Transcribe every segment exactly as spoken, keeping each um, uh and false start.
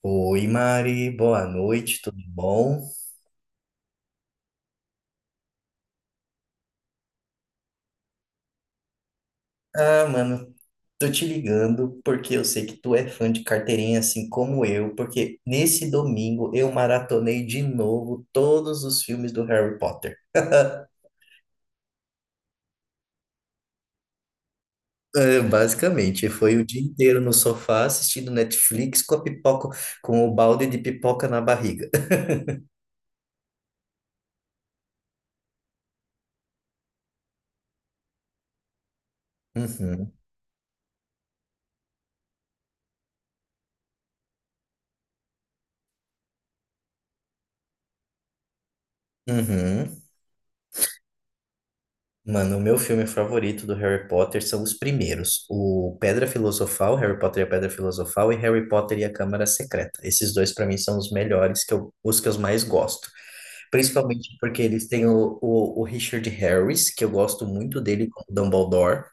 Oi, Mari, boa noite, tudo bom? Ah, mano, tô te ligando porque eu sei que tu é fã de carteirinha assim como eu, porque nesse domingo eu maratonei de novo todos os filmes do Harry Potter. É, basicamente, foi o dia inteiro no sofá assistindo Netflix com a pipoca, com o balde de pipoca na barriga. Uhum, uhum. Mano, o meu filme favorito do Harry Potter são os primeiros. O Pedra Filosofal, Harry Potter e a Pedra Filosofal, e Harry Potter e a Câmara Secreta. Esses dois, pra mim, são os melhores, que eu, os que eu mais gosto. Principalmente porque eles têm o, o, o Richard Harris, que eu gosto muito dele como Dumbledore.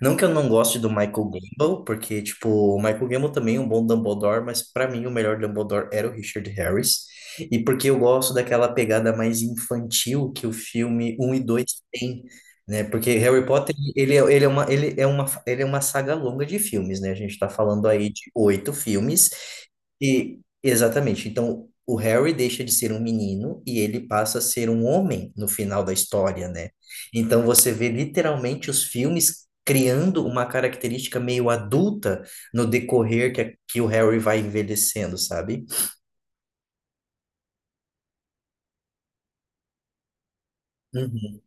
Não que eu não goste do Michael Gambon, porque, tipo, o Michael Gambon também é um bom Dumbledore, mas pra mim o melhor Dumbledore era o Richard Harris. E porque eu gosto daquela pegada mais infantil que o filme um e dois tem, né? Porque Harry Potter, ele é, ele é uma, ele é uma, ele é uma saga longa de filmes, né? A gente tá falando aí de oito filmes, e, exatamente. Então, o Harry deixa de ser um menino e ele passa a ser um homem no final da história, né? Então, você vê literalmente os filmes criando uma característica meio adulta no decorrer que, é, que o Harry vai envelhecendo, sabe? Uhum.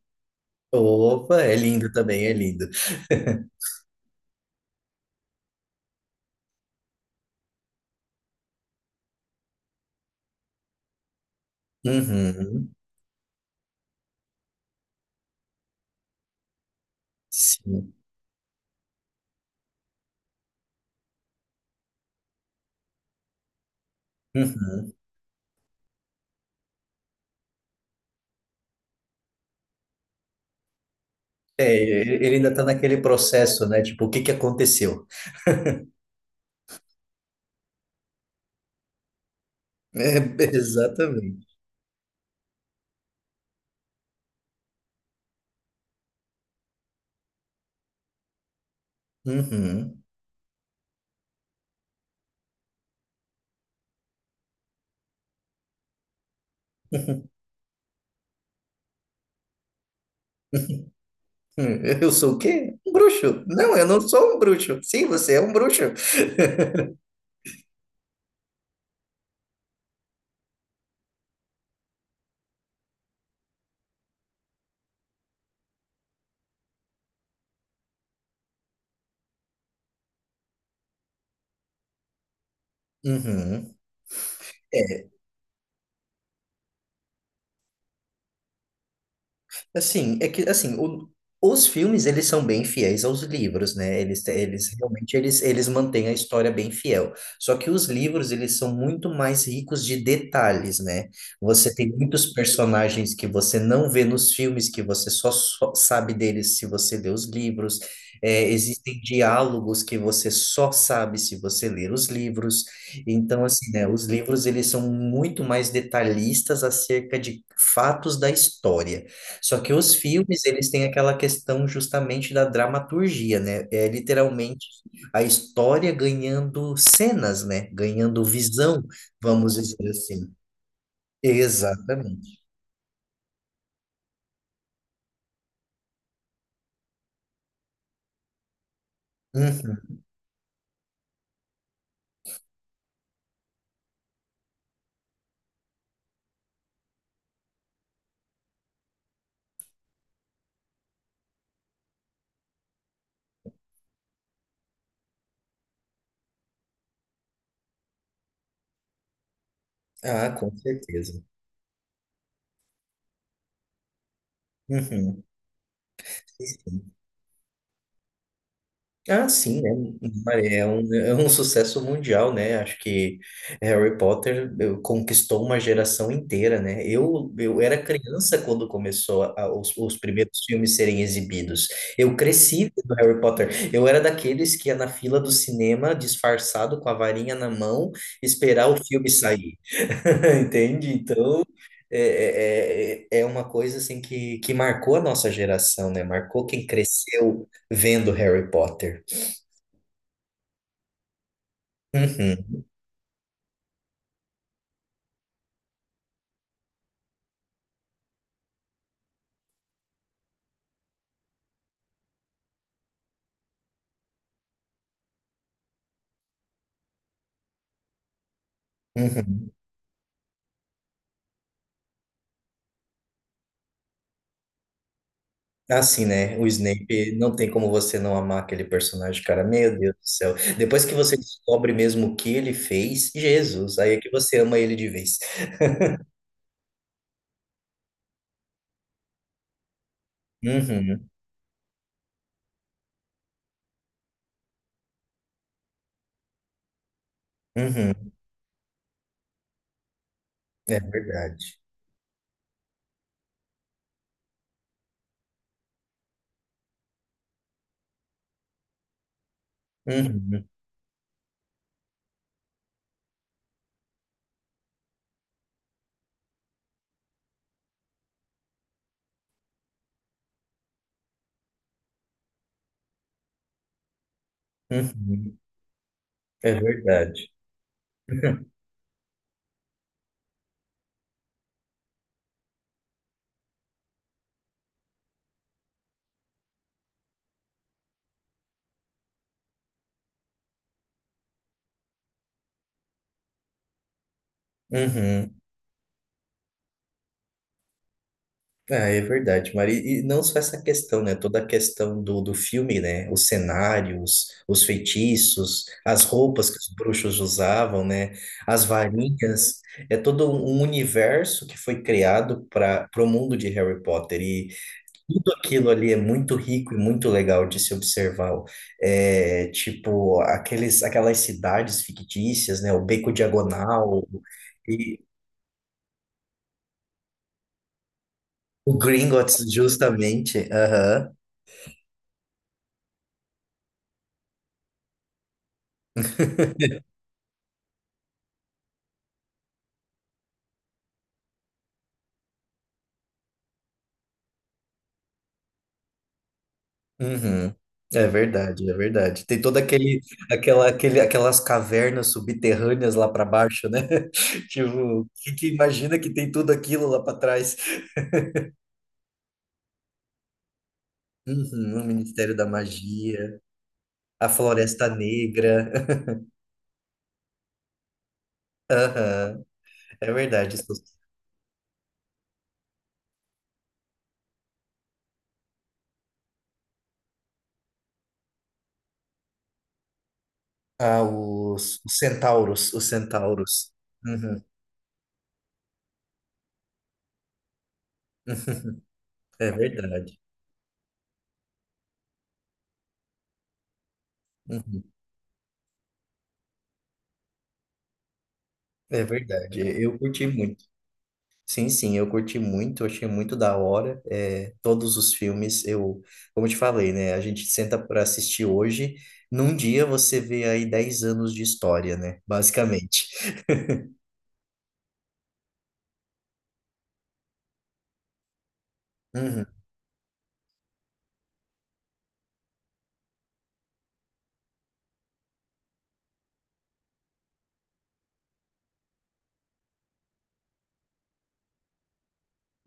Opa, é lindo também, é lindo. Uhum. Sim. Uhum. É, ele ainda tá naquele processo, né? Tipo, o que que aconteceu? É, exatamente. Uhum. Hum, eu sou o quê? Um bruxo. Não, eu não sou um bruxo. Sim, você é um bruxo. Uhum. É. Assim, é que assim, o- os filmes eles são bem fiéis aos livros, né? Eles, te- eles realmente eles, eles mantêm a história bem fiel. Só que os livros eles são muito mais ricos de detalhes, né? Você tem muitos personagens que você não vê nos filmes, que você só, só sabe deles se você lê os livros. É, existem diálogos que você só sabe se você ler os livros. Então, assim, né? Os livros eles são muito mais detalhistas acerca de fatos da história. Só que os filmes, eles têm aquela questão justamente da dramaturgia, né? É literalmente a história ganhando cenas, né? Ganhando visão, vamos dizer assim. Exatamente. Uhum. Ah, com certeza. Uhum. Ah, sim, né? É um, é um sucesso mundial, né? Acho que Harry Potter eh, conquistou uma geração inteira, né? Eu, eu era criança quando começou a- os, os primeiros filmes serem exibidos. Eu cresci do Harry Potter. Eu era daqueles que ia na fila do cinema, disfarçado, com a varinha na mão, esperar o filme sair. Entende? Então, é, é, é é é uma coisa assim que, que marcou a nossa geração, né? Marcou quem cresceu vendo Harry Potter. Uhum, uhum. Assim, né? O Snape, não tem como você não amar aquele personagem, cara. Meu Deus do céu. Depois que você descobre mesmo o que ele fez, Jesus, aí é que você ama ele de vez. Uhum, uhum. É verdade. Uhum, uhum. É verdade. Uhum. Ah, é verdade, Mari. E não só essa questão, né? Toda a questão do, do filme, né? Os cenários, os feitiços, as roupas que os bruxos usavam, né? As varinhas. É todo um um universo que foi criado para o mundo de Harry Potter. E tudo aquilo ali é muito rico e muito legal de se observar. É, tipo, aqueles, aquelas cidades fictícias, né? O Beco Diagonal e o Gringotts, justamente. Aham. Uhum. É verdade, é verdade. Tem toda aquele, aquela, aquele, aquelas cavernas subterrâneas lá para baixo, né? Tipo, que, que imagina que tem tudo aquilo lá para trás. Uhum, o Ministério da Magia, a Floresta Negra. Aham, é verdade. Isso. Ah, os, os centauros, os centauros. Uhum. É verdade. Uhum. É verdade. Eu curti muito. Sim, sim, eu curti muito, achei muito da hora. É, todos os filmes, eu, como eu te falei, né? A gente senta para assistir hoje, num dia você vê aí dez anos de história, né? Basicamente. Uhum,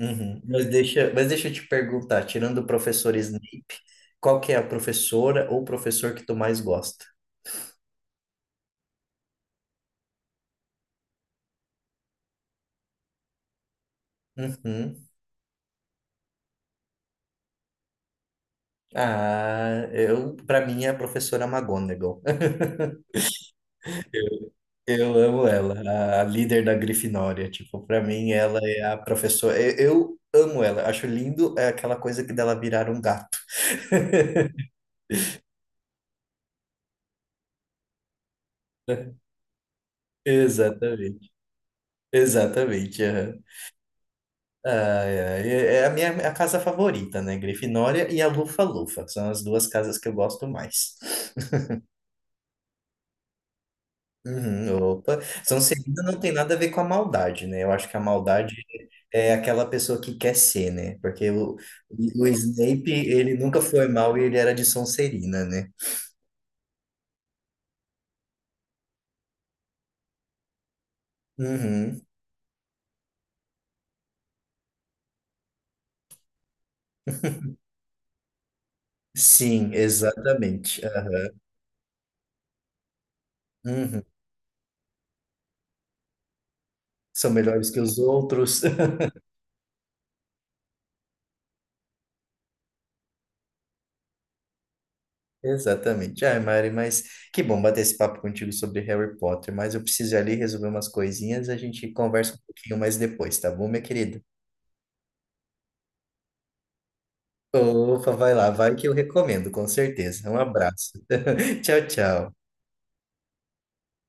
uhum. Mas deixa, mas deixa eu te perguntar, tirando o professor Snape, qual que é a professora ou professor que tu mais gosta? Uhum. Ah, eu, para mim é a professora McGonagall. Eu amo ela, a líder da Grifinória. Tipo, pra mim, ela é a professora. Eu, eu amo ela, acho lindo é aquela coisa que dela virar um gato. Exatamente, exatamente. Aham. Ai, ai, é é a minha a casa favorita, né? Grifinória e a Lufa-Lufa. São as duas casas que eu gosto mais. Uhum, opa. São Celina não tem nada a ver com a maldade, né? Eu acho que a maldade é aquela pessoa que quer ser, né? Porque o, o Snape, ele nunca foi mal e ele era de Sonserina, né? Uhum. Sim, exatamente. Ah, uhum. São melhores que os outros. Exatamente. Ai, Mari, mas que bom bater esse papo contigo sobre Harry Potter, mas eu preciso ir ali resolver umas coisinhas, a gente conversa um pouquinho mais depois, tá bom, minha querida? Opa, vai lá, vai que eu recomendo, com certeza. Um abraço. Tchau, tchau.